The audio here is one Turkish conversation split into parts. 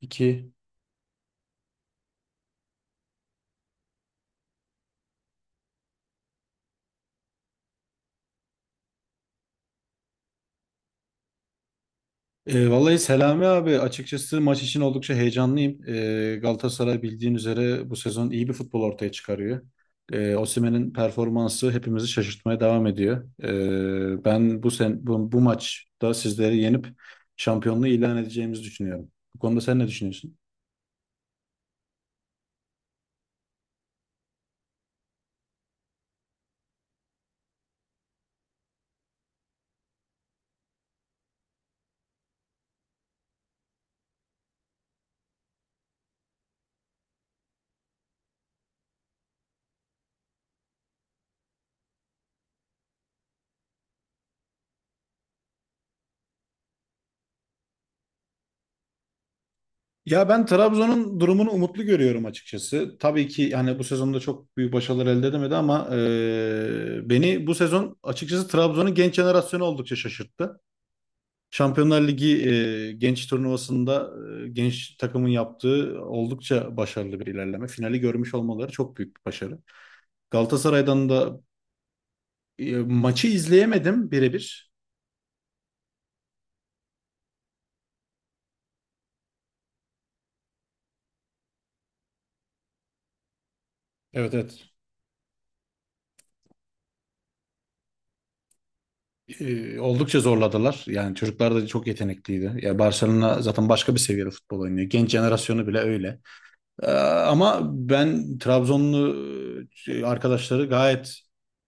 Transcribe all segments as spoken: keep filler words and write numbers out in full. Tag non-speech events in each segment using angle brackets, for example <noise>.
İki. E, vallahi Selami abi açıkçası maç için oldukça heyecanlıyım. E, Galatasaray bildiğin üzere bu sezon iyi bir futbol ortaya çıkarıyor. E, Osimhen'in performansı hepimizi şaşırtmaya devam ediyor. E, ben bu sen bu, bu maçta sizleri yenip şampiyonluğu ilan edeceğimizi düşünüyorum. Bu konuda sen ne düşünüyorsun? Ya ben Trabzon'un durumunu umutlu görüyorum açıkçası. Tabii ki yani bu sezonda çok büyük başarılar elde edemedi ama e, beni bu sezon açıkçası Trabzon'un genç jenerasyonu oldukça şaşırttı. Şampiyonlar Ligi e, genç turnuvasında e, genç takımın yaptığı oldukça başarılı bir ilerleme. Finali görmüş olmaları çok büyük bir başarı. Galatasaray'dan da e, maçı izleyemedim birebir. Evet, evet. E, oldukça zorladılar. Yani çocuklar da çok yetenekliydi. Ya Barcelona zaten başka bir seviyede futbol oynuyor. Genç jenerasyonu bile öyle. Ee, Ama ben Trabzonlu e, arkadaşları gayet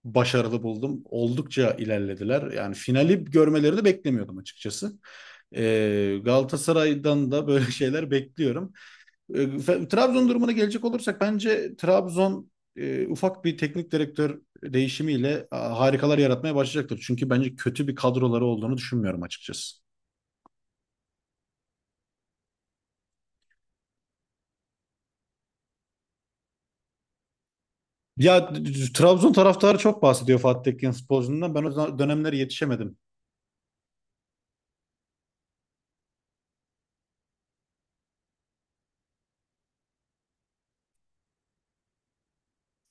başarılı buldum. Oldukça ilerlediler. Yani finali görmeleri de beklemiyordum açıkçası. Ee, Galatasaray'dan da böyle <laughs> şeyler bekliyorum. Ee, fe- Trabzon durumuna gelecek olursak bence Trabzon e, ufak bir teknik direktör değişimiyle a, harikalar yaratmaya başlayacaktır. Çünkü bence kötü bir kadroları olduğunu düşünmüyorum açıkçası. Ya Trabzon taraftarı çok bahsediyor Fatih Tekke futbolcundan. Ben o dönemlere yetişemedim.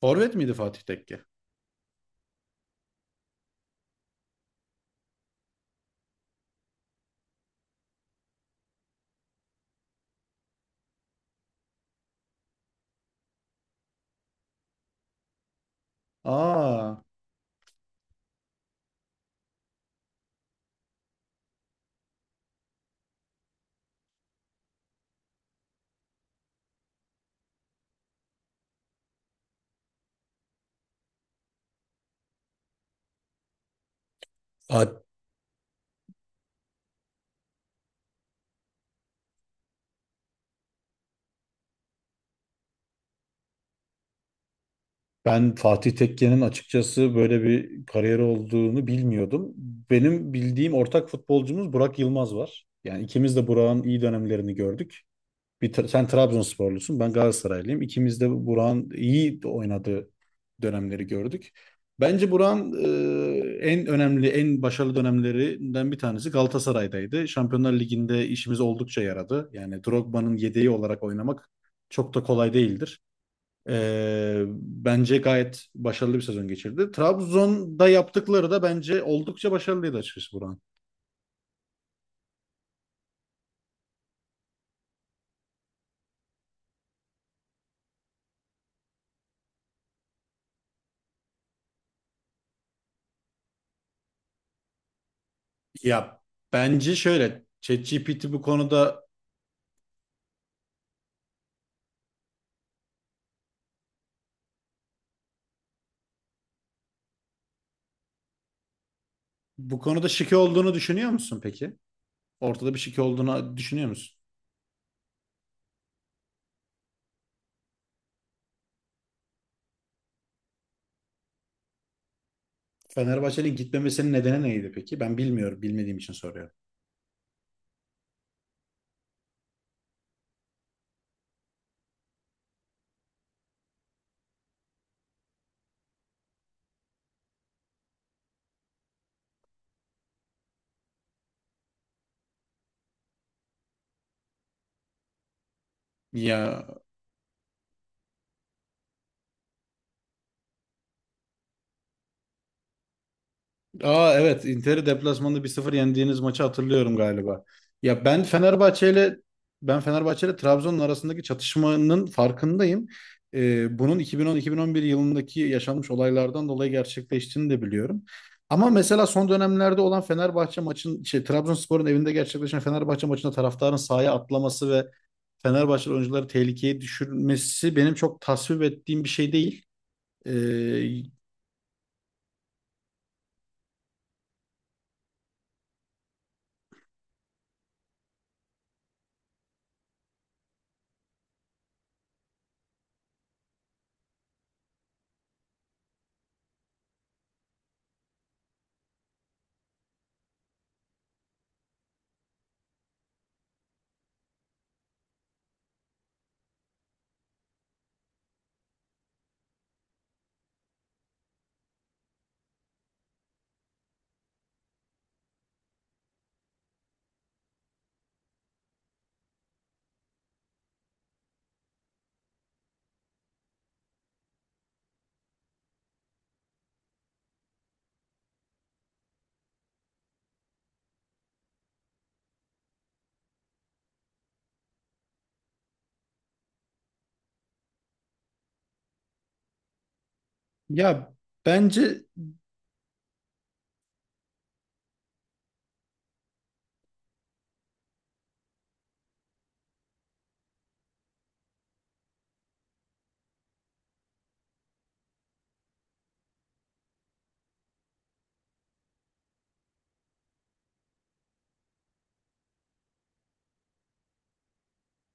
Forvet miydi Fatih Tekke? Aa, Fa- Ben Fatih Tekke'nin açıkçası böyle bir kariyeri olduğunu bilmiyordum. Benim bildiğim ortak futbolcumuz Burak Yılmaz var. Yani ikimiz de Burak'ın iyi dönemlerini gördük. Bir tra- sen Trabzonsporlusun, ben Galatasaraylıyım. İkimiz de Burak'ın iyi oynadığı dönemleri gördük. Bence Burak'ın e, en önemli, en başarılı dönemlerinden bir tanesi Galatasaray'daydı. Şampiyonlar Ligi'nde işimiz oldukça yaradı. Yani Drogba'nın yedeği olarak oynamak çok da kolay değildir. E, Bence gayet başarılı bir sezon geçirdi. Trabzon'da yaptıkları da bence oldukça başarılıydı açıkçası Burak'ın. Ya bence şöyle, ChatGPT bu konuda. Bu konuda şike olduğunu düşünüyor musun peki? Ortada bir şike olduğunu düşünüyor musun? Fenerbahçe'nin gitmemesinin nedeni neydi peki? Ben bilmiyorum, bilmediğim için soruyorum. Ya, aa evet, Inter'i deplasmanda bir sıfır yendiğiniz maçı hatırlıyorum galiba. Ya ben Fenerbahçe ile Ben Fenerbahçe ile Trabzon'un arasındaki çatışmanın farkındayım. Ee, bunun iki bin on-iki bin on bir yılındaki yaşanmış olaylardan dolayı gerçekleştiğini de biliyorum. Ama mesela son dönemlerde olan Fenerbahçe maçın şey Trabzonspor'un evinde gerçekleşen Fenerbahçe maçında taraftarın sahaya atlaması ve Fenerbahçe oyuncuları tehlikeye düşürmesi benim çok tasvip ettiğim bir şey değil. Ee, ya Bence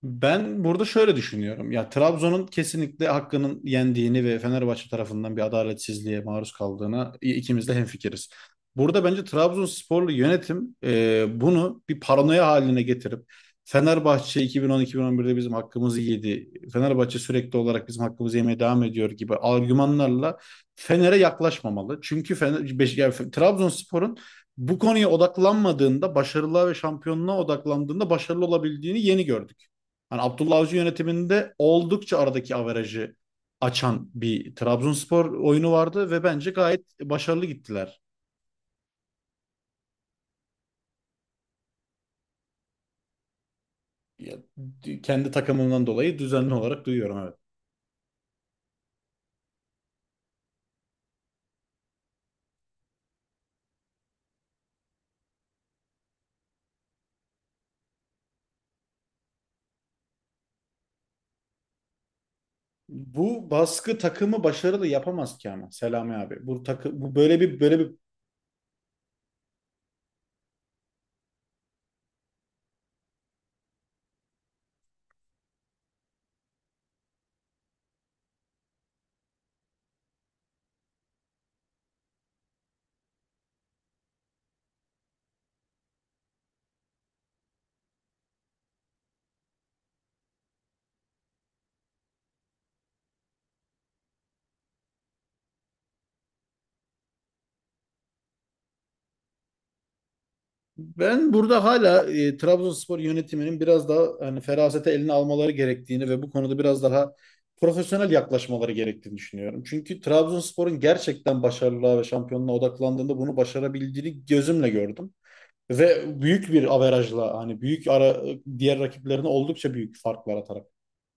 Ben burada şöyle düşünüyorum. Ya Trabzon'un kesinlikle hakkının yendiğini ve Fenerbahçe tarafından bir adaletsizliğe maruz kaldığına i- ikimiz de hemfikiriz. Burada bence Trabzonsporlu yönetim e, bunu bir paranoya haline getirip Fenerbahçe iki bin on, iki bin on birde bizim hakkımızı yedi. Fenerbahçe sürekli olarak bizim hakkımızı yemeye devam ediyor gibi argümanlarla Fener'e yaklaşmamalı. Çünkü Fener, Beş- yani Fe- Trabzonspor'un bu konuya odaklanmadığında, başarılığa ve şampiyonluğa odaklandığında başarılı olabildiğini yeni gördük. Hani Abdullah Avcı yönetiminde oldukça aradaki averajı açan bir Trabzonspor oyunu vardı ve bence gayet başarılı gittiler. Ya, d- kendi takımından dolayı düzenli olarak duyuyorum, evet. Bu baskı takımı başarılı yapamaz ki ama Selami abi. Bu takı bu böyle bir böyle bir Ben burada hala e, Trabzonspor yönetiminin biraz daha hani ferasete eline almaları gerektiğini ve bu konuda biraz daha profesyonel yaklaşmaları gerektiğini düşünüyorum. Çünkü Trabzonspor'un gerçekten başarılığa ve şampiyonluğa odaklandığında bunu başarabildiğini gözümle gördüm. Ve büyük bir averajla hani büyük ara Diğer rakiplerine oldukça büyük farklar atarak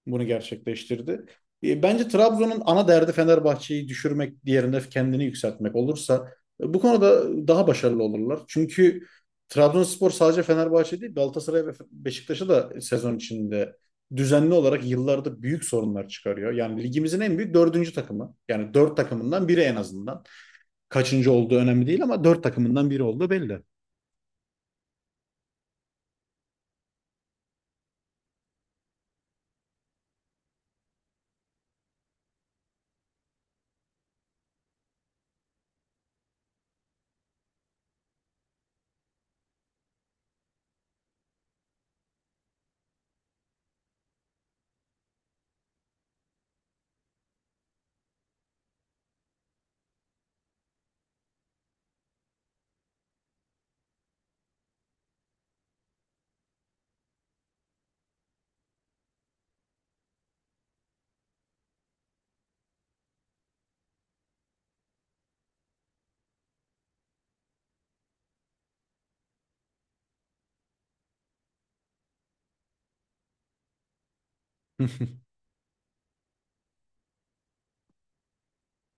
bunu gerçekleştirdi. E, Bence Trabzon'un ana derdi Fenerbahçe'yi düşürmek, diğerinde kendini yükseltmek olursa e, bu konuda daha başarılı olurlar. Çünkü Trabzonspor sadece Fenerbahçe değil, Galatasaray ve Beşiktaş'a da sezon içinde düzenli olarak yıllarda büyük sorunlar çıkarıyor. Yani ligimizin en büyük dördüncü takımı. Yani dört takımından biri en azından. Kaçıncı olduğu önemli değil ama dört takımından biri olduğu belli.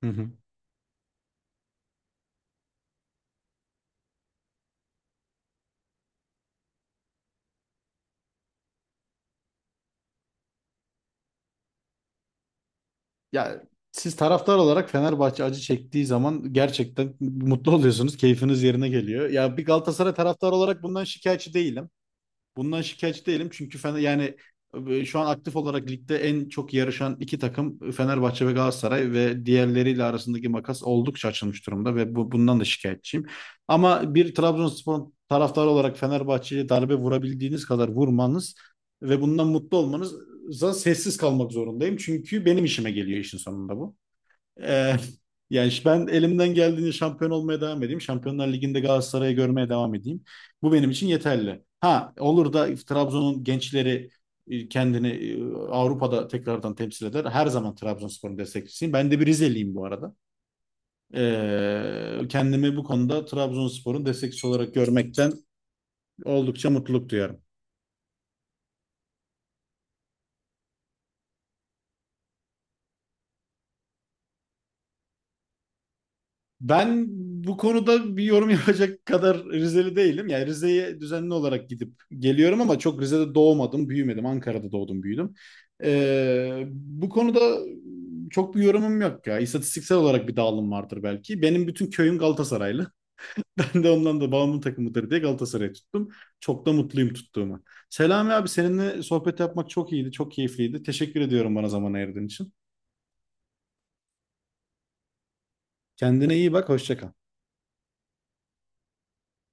<laughs> Ya siz taraftar olarak Fenerbahçe acı çektiği zaman gerçekten mutlu oluyorsunuz. Keyfiniz yerine geliyor. Ya bir Galatasaray taraftarı olarak bundan şikayetçi değilim. Bundan şikayetçi değilim çünkü Fener yani e, şu an aktif olarak ligde en çok yarışan iki takım e, Fenerbahçe ve Galatasaray ve diğerleriyle arasındaki makas oldukça açılmış durumda ve bu, bundan da şikayetçiyim. Ama bir Trabzonspor taraftarı olarak Fenerbahçe'ye darbe vurabildiğiniz kadar vurmanız ve bundan mutlu olmanıza sessiz kalmak zorundayım. Çünkü benim işime geliyor işin sonunda bu. Ee, Yani işte ben elimden geldiğince şampiyon olmaya devam edeyim. Şampiyonlar Ligi'nde Galatasaray'ı görmeye devam edeyim. Bu benim için yeterli. Ha olur da Trabzon'un gençleri e, kendini e, Avrupa'da tekrardan temsil eder. Her zaman Trabzonspor'un destekçisiyim. Ben de bir Rizeliyim bu arada. Ee, kendimi bu konuda Trabzonspor'un destekçisi olarak görmekten oldukça mutluluk duyarım. Ben bu konuda bir yorum <laughs> yapacak kadar Rizeli değilim. Yani Rize'ye düzenli olarak gidip geliyorum ama çok Rize'de doğmadım, büyümedim. Ankara'da doğdum, büyüdüm. Ee, bu konuda çok bir yorumum yok ya. İstatistiksel olarak bir dağılım vardır belki. Benim bütün köyüm Galatasaraylı. <laughs> Ben de ondan da babamın takımıdır diye Galatasaray'ı tuttum. Çok da mutluyum tuttuğuma. Selami abi seninle sohbet yapmak çok iyiydi, çok keyifliydi. Teşekkür ediyorum bana zaman ayırdığın için. Kendine iyi bak, hoşça kal.